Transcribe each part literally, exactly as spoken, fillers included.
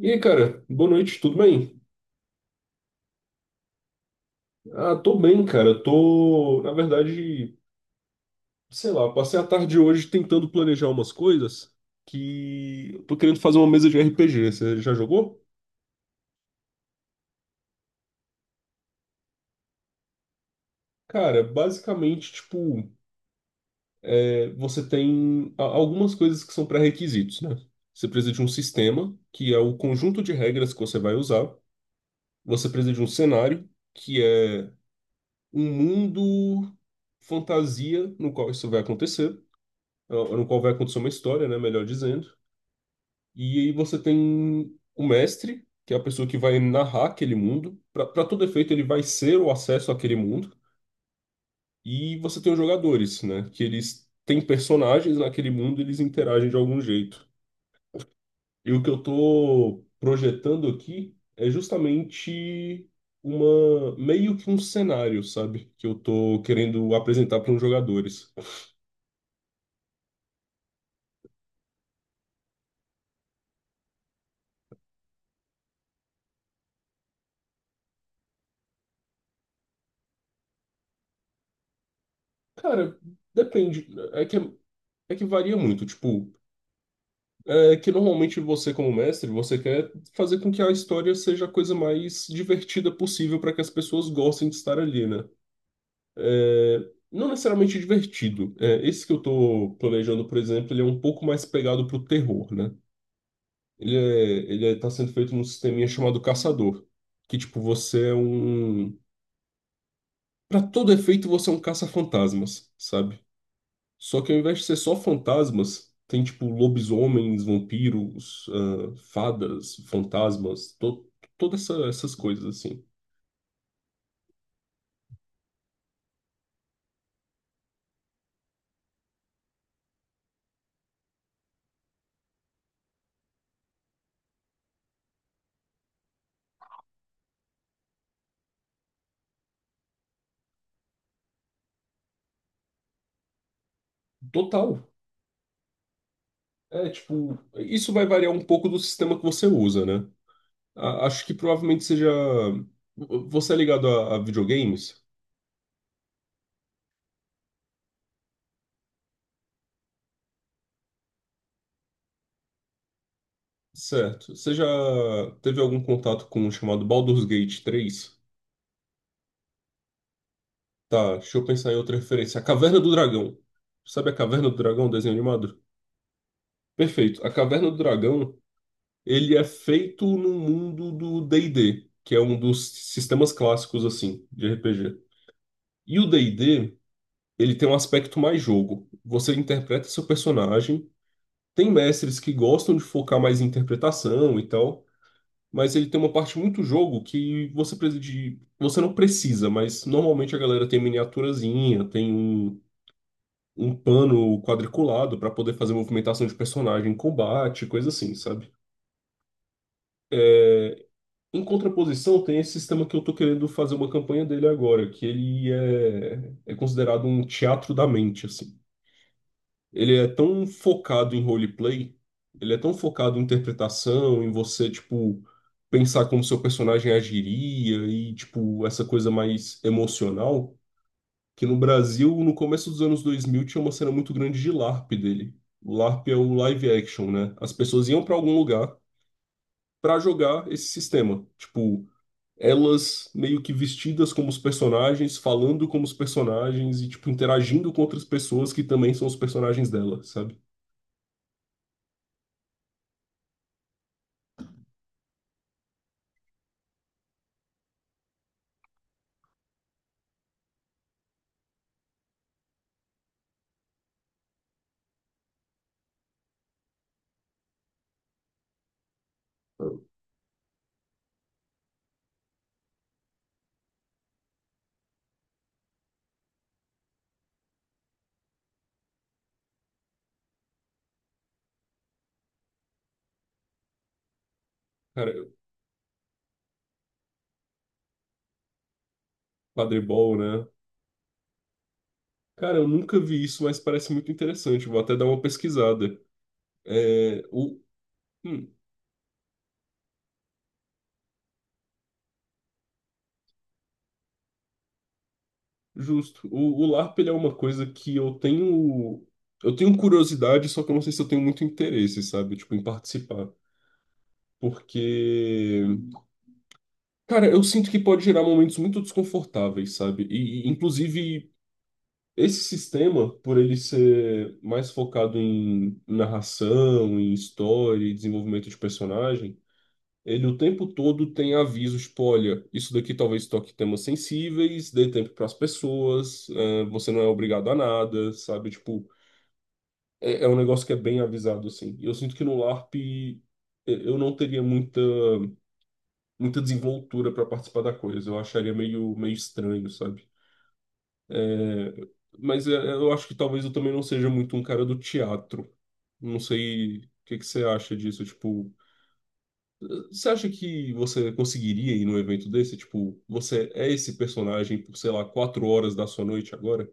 E aí, cara, boa noite, tudo bem? Ah, tô bem, cara. Tô, na verdade, sei lá, passei a tarde hoje tentando planejar umas coisas que eu tô querendo fazer uma mesa de R P G. Você já jogou? Cara, basicamente, tipo, é, você tem a- algumas coisas que são pré-requisitos, né? Você precisa de um sistema, que é o conjunto de regras que você vai usar. Você precisa de um cenário, que é um mundo fantasia no qual isso vai acontecer. No qual vai acontecer uma história, né, melhor dizendo. E aí você tem o mestre, que é a pessoa que vai narrar aquele mundo. Para todo efeito, ele vai ser o acesso àquele mundo. E você tem os jogadores, né, que eles têm personagens naquele mundo, e eles interagem de algum jeito. E o que eu tô projetando aqui é justamente uma meio que um cenário, sabe, que eu tô querendo apresentar para os jogadores. Cara, depende, é que é é que varia muito, tipo. É que normalmente você, como mestre, você quer fazer com que a história seja a coisa mais divertida possível para que as pessoas gostem de estar ali, né? É, não necessariamente divertido. É, esse que eu tô planejando, por exemplo, ele é um pouco mais pegado pro terror, né? Ele é, ele é, tá sendo feito num sisteminha chamado Caçador, que tipo, você é um... Para todo efeito, você é um caça-fantasmas, sabe? Só que ao invés de ser só fantasmas, tem tipo lobisomens, vampiros, ah, fadas, fantasmas, to todas essa- essas coisas assim. Total. É tipo, isso vai variar um pouco do sistema que você usa, né? A- acho que provavelmente seja. Você é ligado a, a videogames? Certo. Você já teve algum contato com o chamado Baldur's Gate três? Tá, deixa eu pensar em outra referência. A Caverna do Dragão. Sabe a Caverna do Dragão, desenho animado? Perfeito. A Caverna do Dragão. Ele é feito no mundo do D e D, que é um dos sistemas clássicos assim de R P G. E o D e D, ele tem um aspecto mais jogo. Você interpreta seu personagem. Tem mestres que gostam de focar mais em interpretação e tal, mas ele tem uma parte muito jogo que você precisa de, você não precisa, mas normalmente a galera tem miniaturazinha, tem um um pano quadriculado para poder fazer movimentação de personagem, em combate, coisa assim, sabe? Em contraposição, tem esse sistema que eu tô querendo fazer uma campanha dele agora, que ele é, é considerado um teatro da mente, assim. Ele é tão focado em roleplay, ele é tão focado em interpretação, em você, tipo, pensar como seu personagem agiria e, tipo, essa coisa mais emocional, que no Brasil, no começo dos anos dois mil tinha uma cena muito grande de LARP dele. O LARP é o live action, né? As pessoas iam pra algum lugar pra jogar esse sistema. Tipo, elas meio que vestidas como os personagens, falando como os personagens e, tipo, interagindo com outras pessoas que também são os personagens dela, sabe? Cara, eu- Quadribol, né? Cara, eu nunca vi isso, mas parece muito interessante. Vou até dar uma pesquisada. É, o, hum, justo. O, o LARP, ele é uma coisa que eu tenho... Eu tenho curiosidade, só que eu não sei se eu tenho muito interesse, sabe? Tipo, em participar. Porque... Cara, eu sinto que pode gerar momentos muito desconfortáveis, sabe? E, e, inclusive, Esse sistema, por ele ser mais focado em narração, em história e desenvolvimento de personagem, ele o tempo todo tem avisos, tipo, olha, isso daqui talvez toque temas sensíveis, dê tempo para as pessoas, eh, você não é obrigado a nada, sabe? Tipo, é, é um negócio que é bem avisado, assim. E eu sinto que no LARP eh, eu não teria muita, muita desenvoltura para participar da coisa, eu acharia meio, meio estranho, sabe? É, mas é, é, eu acho que talvez eu também não seja muito um cara do teatro. Não sei o que que você acha disso. Tipo, você acha que você conseguiria ir num evento desse? Tipo, você é esse personagem por, sei lá, quatro horas da sua noite agora?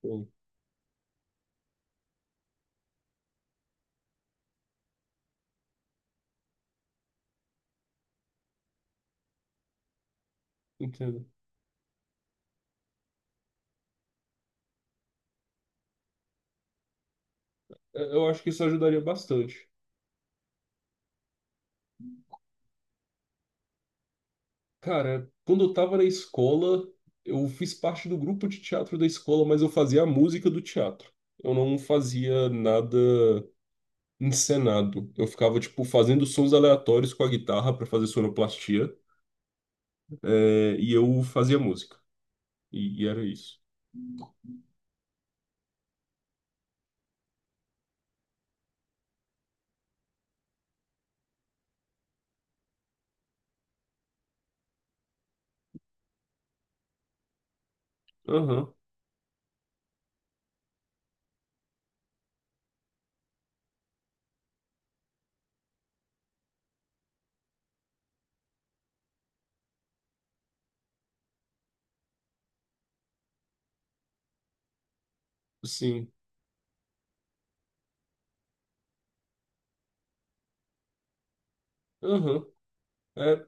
Pô, entendo. É, Eu acho que isso ajudaria bastante. Cara, quando eu tava na escola, eu fiz parte do grupo de teatro da escola, mas eu fazia a música do teatro. Eu não fazia nada. encenado. Eu ficava, tipo, fazendo sons aleatórios com a guitarra para fazer sonoplastia, é, e eu fazia música. E, e era isso. Aham, sim. Aham. É,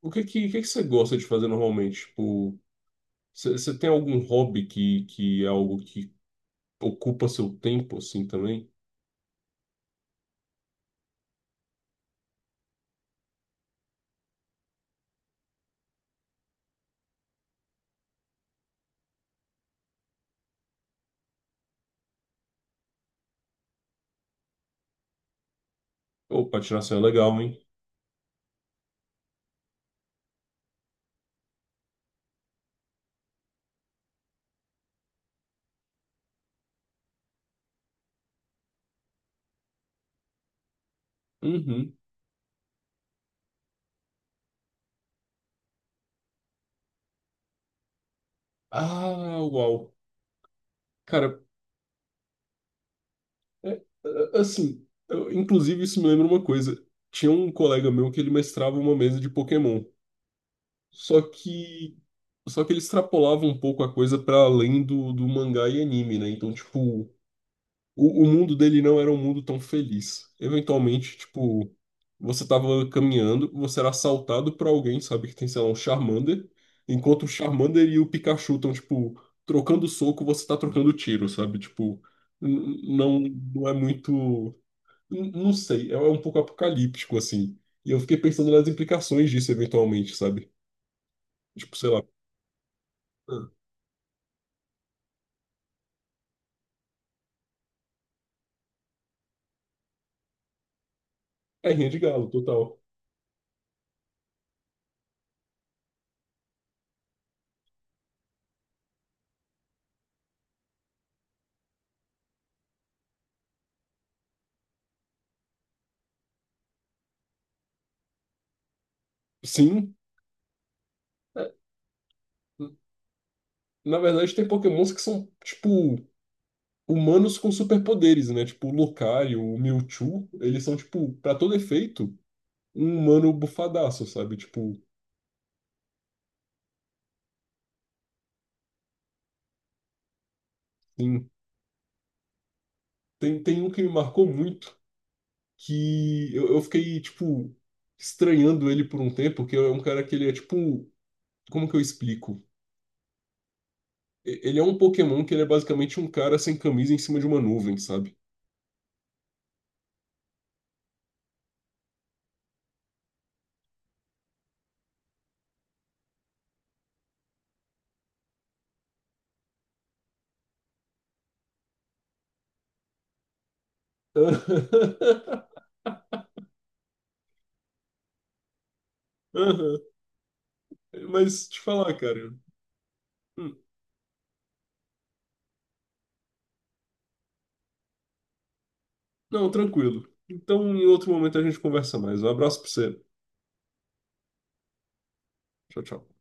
o que que, o que que você gosta de fazer normalmente? Tipo, você você tem algum hobby que, que é algo que ocupa seu tempo, assim, também? Ou patinação é legal, hein? Uhum. Ah, uau. Cara, é, é, assim, eu- inclusive isso me lembra uma coisa. Tinha um colega meu que ele mestrava uma mesa de Pokémon. Só que só que ele extrapolava um pouco a coisa para além do, do mangá e anime, né? Então, tipo, o, o mundo dele não era um mundo tão feliz. Eventualmente, tipo, você tava caminhando, você era assaltado por alguém, sabe, que tem, sei lá, um Charmander, enquanto o Charmander e o Pikachu estão, tipo, trocando soco, você tá trocando tiro, sabe? Tipo, n- não, não é muito. n- Não sei, é é um pouco apocalíptico, assim. E eu fiquei pensando nas implicações disso eventualmente, sabe? Tipo, sei lá. É rinha de galo, total. Sim. é, Na verdade, tem Pokémons que são, tipo, humanos com superpoderes, né? Tipo, o Lucario, o Mewtwo, eles são, tipo, pra todo efeito, um humano bufadaço, sabe? Tipo, tem, tem, tem um que me marcou muito, que eu, eu fiquei, tipo, estranhando ele por um tempo, que é um cara que ele é, tipo, como que eu explico? E- Ele é um Pokémon que ele é basicamente um cara sem camisa em cima de uma nuvem, sabe? Aham. Mas te falar, cara. Hum, Não, tranquilo. Então, em outro momento a gente conversa mais. Um abraço pra você. Tchau, tchau.